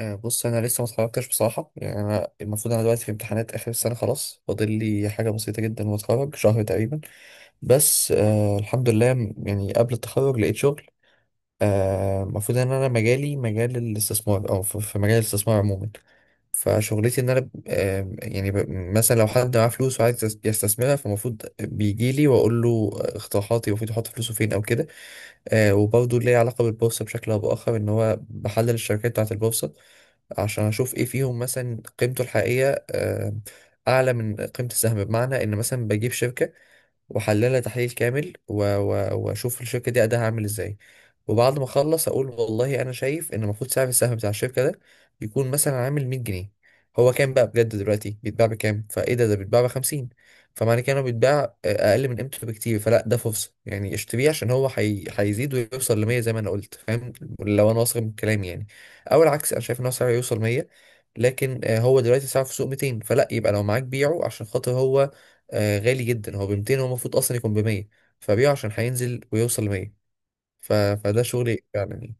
بص انا لسه ما اتخرجتش بصراحه. يعني انا المفروض انا دلوقتي في امتحانات اخر السنه، خلاص فاضل لي حاجه بسيطه جدا واتخرج شهر تقريبا. بس الحمد لله، يعني قبل التخرج لقيت شغل. المفروض ان انا مجالي مجال الاستثمار، او في مجال الاستثمار عموما. فشغلتي ان انا مثلا لو حد معاه فلوس وعايز يستثمرها، فالمفروض بيجي لي واقول له اقتراحاتي، المفروض يحط فلوسه فين او كده. وبرضه ليه علاقة بالبورصة بشكل أو بآخر، إن هو بحلل الشركات بتاعة البورصة عشان أشوف إيه فيهم، مثلا قيمته الحقيقية أعلى من قيمة السهم، بمعنى إن مثلا بجيب شركة واحللها تحليل كامل واشوف الشركه دي اداها عامل ازاي. وبعد ما اخلص اقول والله انا شايف ان المفروض سعر السهم بتاع الشركه ده يكون مثلا عامل 100 جنيه. هو كام بقى بجد دلوقتي؟ بيتباع بكام؟ فايه ده بيتباع ب 50. فمعنى كده انه بيتباع اقل من قيمته بكتير، فلا ده فرصه يعني اشتريه عشان هو هيزيد ويوصل ل 100 زي ما انا قلت، فاهم؟ لو انا واثق من كلامي يعني. او العكس، انا شايف ان هو سعره يوصل 100 لكن هو دلوقتي سعره في السوق 200، فلا يبقى لو معاك بيعه عشان خاطر هو غالي جدا، هو ب 200 هو المفروض اصلا يكون ب 100، فبيعه عشان هينزل ويوصل ل 100. فده شغل فعلا يعني.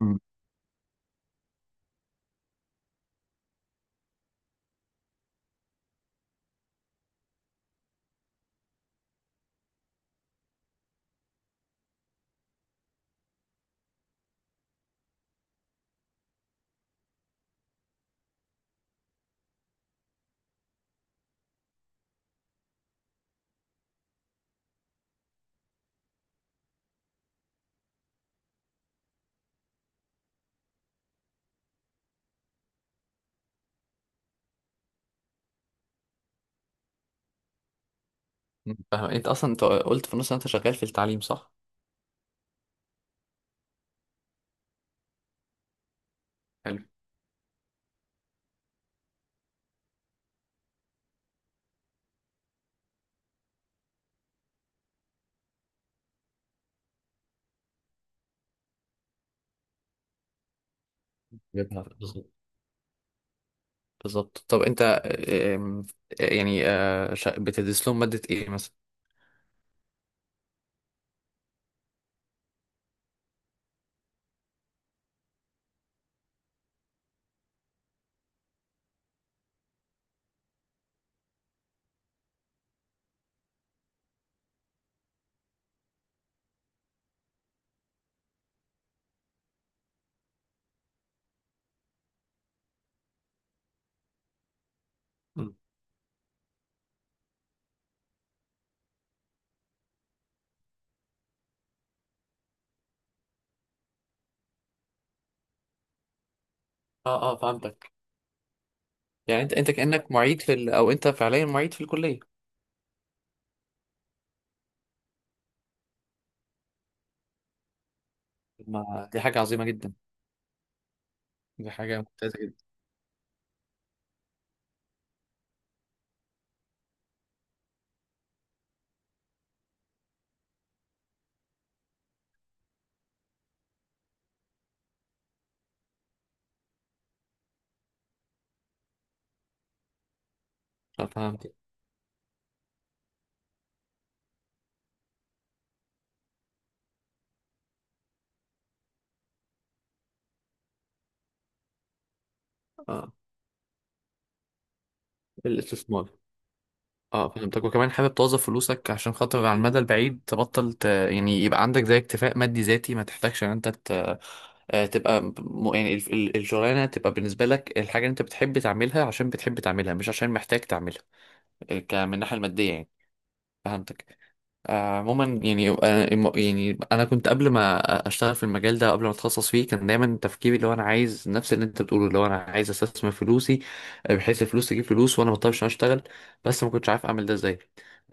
مم. فاهم؟ انت اصلا انت قلت في النص إن انت شغال في التعليم، صح؟ حلو. جبنا بالظبط. بالظبط. طب انت، آم، يعني بتدرس لهم مادة ايه مثلا؟ مم. اه اه، فهمتك. يعني انت انت كأنك معيد في او انت فعليا معيد في الكلية؟ ما دي حاجة عظيمة جدا، دي حاجة. فهمت. اه، الاستثمار. اه فهمتك. وكمان حابب توظف فلوسك عشان خاطر على المدى البعيد تبطل يعني يبقى عندك زي اكتفاء مادي ذاتي، ما تحتاجش ان انت تبقى يعني الشغلانه تبقى بالنسبه لك الحاجه اللي انت بتحب تعملها عشان بتحب تعملها، مش عشان محتاج تعملها. من الناحيه الماديه يعني. فهمتك. عموما يعني، يعني انا كنت قبل ما اشتغل في المجال ده، قبل ما اتخصص فيه، كان دايما تفكيري اللي هو انا عايز نفس اللي انت بتقوله، اللي هو انا عايز استثمر فلوسي بحيث الفلوس تجيب فلوس وانا ما اضطرش إن أنا اشتغل. بس ما كنتش عارف اعمل ده ازاي.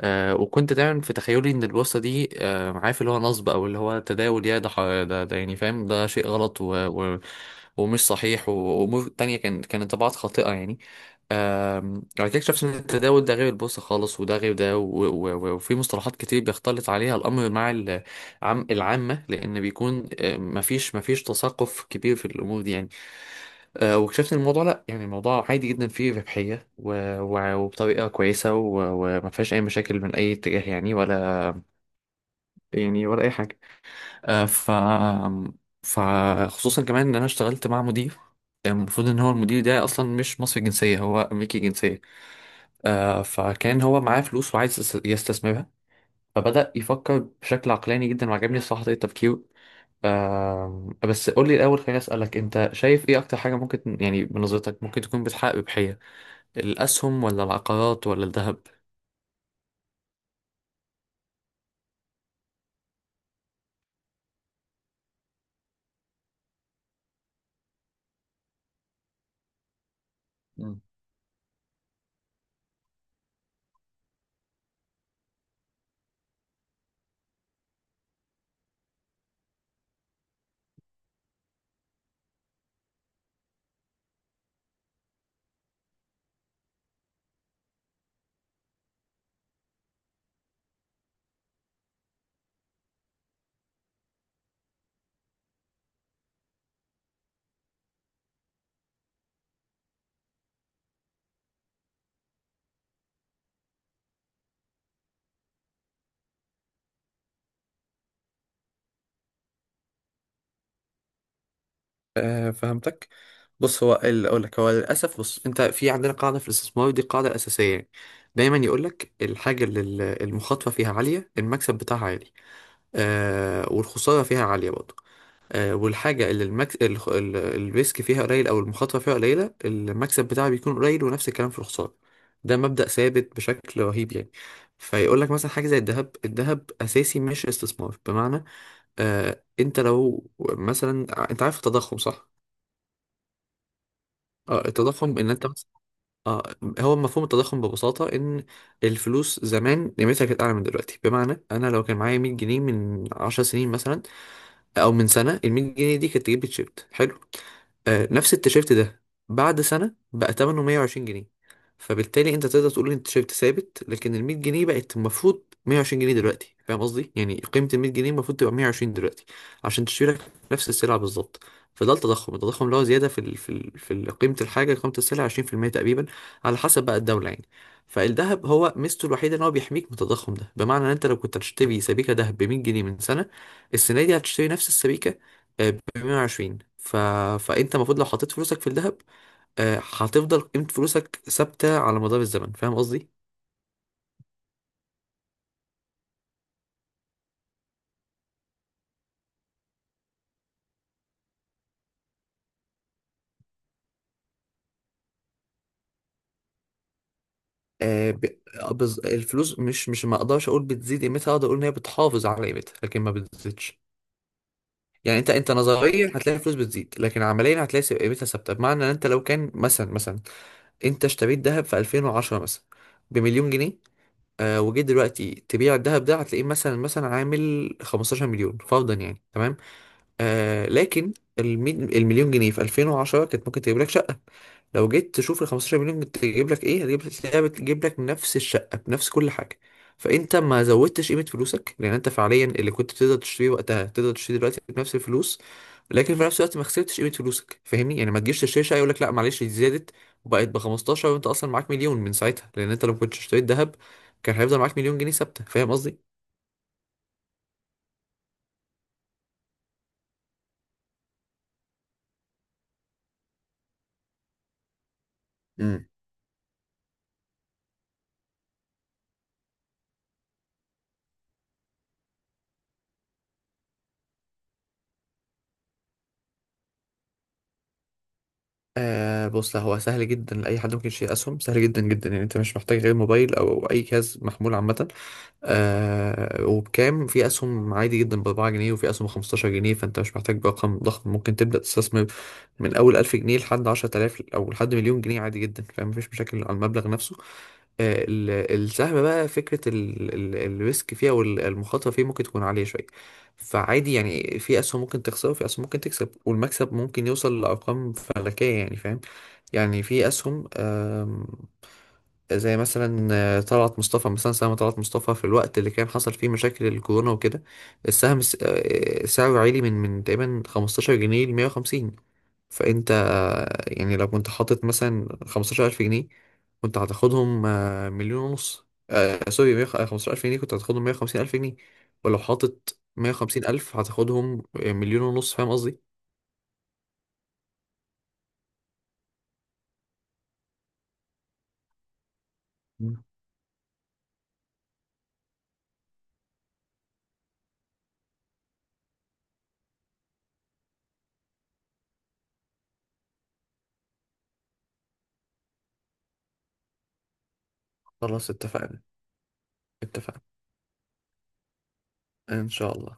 وكنت دايما في تخيلي ان البورصه دي، عارف، اللي هو نصب او اللي هو تداول، يا ده ده يعني، فاهم؟ ده شيء غلط ومش صحيح، وامور تانية كان كانت طبعات خاطئه يعني. بعد كده اكتشفت ان التداول ده غير البورصه خالص، وده غير ده، وفي مصطلحات كتير بيختلط عليها الامر مع العامه، لان بيكون مفيش تثقف كبير في الامور دي يعني. واكتشفت ان الموضوع لا، يعني الموضوع عادي جدا، فيه ربحيه وبطريقه كويسه وما فيهاش اي مشاكل من اي اتجاه يعني، ولا يعني ولا اي حاجه. آه، ف فخصوصا كمان ان انا اشتغلت مع مدير، يعني المفروض ان هو المدير ده اصلا مش مصري الجنسيه، هو امريكي الجنسيه. فكان هو معاه فلوس وعايز يستثمرها، فبدأ يفكر بشكل عقلاني جدا، وعجبني الصراحه طريقه تفكيره. بس قول لي الاول، خليني اسالك، انت شايف ايه اكتر حاجه ممكن، يعني بنظرتك ممكن تكون بتحقق ربحيه؟ الاسهم ولا العقارات ولا الذهب؟ مم. آه فهمتك. بص، هو اللي اقول لك، هو للاسف، بص، انت في عندنا قاعده في الاستثمار، دي قاعده اساسيه يعني. دايما يقول لك الحاجه اللي المخاطره فيها عاليه، المكسب بتاعها عالي والخساره فيها عاليه برضه. والحاجه اللي الريسك فيها قليل، او المخاطره فيها قليله، المكسب بتاعها بيكون قليل ونفس الكلام في الخساره. ده مبدأ ثابت بشكل رهيب يعني. فيقول لك مثلا حاجه زي الذهب. الذهب اساسي مش استثمار، بمعنى انت لو مثلا، انت عارف التضخم صح؟ التضخم ان انت... اه، هو مفهوم التضخم ببساطة إن الفلوس زمان قيمتها كانت أعلى من دلوقتي، بمعنى أنا لو كان معايا 100 جنيه من 10 سنين مثلا، او من سنه، ال 100 جنيه دي كانت تجيب لي تيشيرت حلو. نفس التيشيرت ده بعد سنه بقى ثمنه 120 جنيه، فبالتالي انت تقدر تقول ان التيشيرت ثابت، لكن ال 100 جنيه بقت المفروض 120 جنيه دلوقتي، فاهم قصدي؟ يعني قيمه ال 100 جنيه المفروض تبقى 120 دلوقتي عشان تشتري لك نفس السلعه بالظبط. فده التضخم، التضخم اللي هو زياده في قيمه الحاجه، قيمه السلعه 20% تقريبا، على حسب بقى الدوله يعني. فالذهب، هو ميزته الوحيده ان هو بيحميك من التضخم ده، بمعنى ان انت لو كنت هتشتري سبيكه ذهب ب 100 جنيه من سنه، السنة دي هتشتري نفس السبيكة ب 120. فأنت المفروض لو حطيت فلوسك في الذهب، هتفضل قيمة فلوسك ثابتة على مدار الزمن، فاهم قصدي؟ آه، ب... الفلوس مش ما أقدرش أقول بتزيد قيمتها، أقدر أقول إن هي بتحافظ على قيمتها لكن ما بتزيدش. يعني أنت أنت نظريا هتلاقي الفلوس بتزيد، لكن عمليا هتلاقي قيمتها ثابتة، بمعنى إن أنت لو كان مثلا مثلا أنت اشتريت ذهب في 2010 مثلا بمليون جنيه، وجيت دلوقتي تبيع الذهب ده هتلاقيه مثلا مثلا عامل 15 مليون فرضا يعني، تمام؟ لكن المليون جنيه في 2010 كانت ممكن تجيب لك شقة، لو جيت تشوف ال 15 مليون تجيب لك ايه؟ هتجيب، تلاقيها بتجيب لك نفس الشقة بنفس كل حاجة. فانت ما زودتش قيمة فلوسك، لان انت فعليا اللي كنت تقدر تشتريه وقتها تقدر تشتريه دلوقتي بنفس الفلوس. لكن في نفس الوقت ما خسرتش قيمة فلوسك، فاهمني يعني؟ ما تجيش تشتري شقة يقول لك لا معلش، دي زادت وبقت ب 15، وانت اصلا معاك مليون من ساعتها، لان انت لو كنت اشتريت ذهب كان هيفضل معاك مليون جنيه ثابتة، فاهم قصدي؟ آه بص، لا، هو سهل جدا. لأي حد ممكن يشتري أسهم، سهل جدا جدا يعني. أنت مش محتاج غير موبايل أو أي جهاز محمول عامة. وبكام، في أسهم عادي جدا بأربعة جنيه، وفي أسهم بخمستاشر جنيه، فأنت مش محتاج برقم ضخم ممكن تبدأ تستثمر، من أول ألف جنيه لحد عشرة آلاف أو لحد مليون جنيه عادي جدا، فمفيش مشاكل على المبلغ نفسه. آه، ال- السهم بقى فكرة الريسك فيها والمخاطرة فيه ممكن تكون عالية شوية، فعادي يعني في أسهم ممكن تخسر وفي أسهم ممكن تكسب، والمكسب ممكن يوصل لأرقام فلكية يعني، فاهم؟ يعني في أسهم، زي مثلا طلعت مصطفى، مثلا سهم طلعت مصطفى في الوقت اللي كان حصل فيه مشاكل الكورونا وكده، السهم س- آه، سعره عالي، من تقريبا 15 جنيه ل 150. فانت يعني لو كنت حاطط مثلا 15,000 جنيه، كنت هتاخدهم مليون ونص. آه سوري، 100، 15,000 جنيه كنت هتاخدهم 150,000 جنيه، ولو حاطط 150,000 هتاخدهم مليون ونص، فاهم قصدي؟ مم. خلاص اتفقنا. اتفقنا ان شاء الله.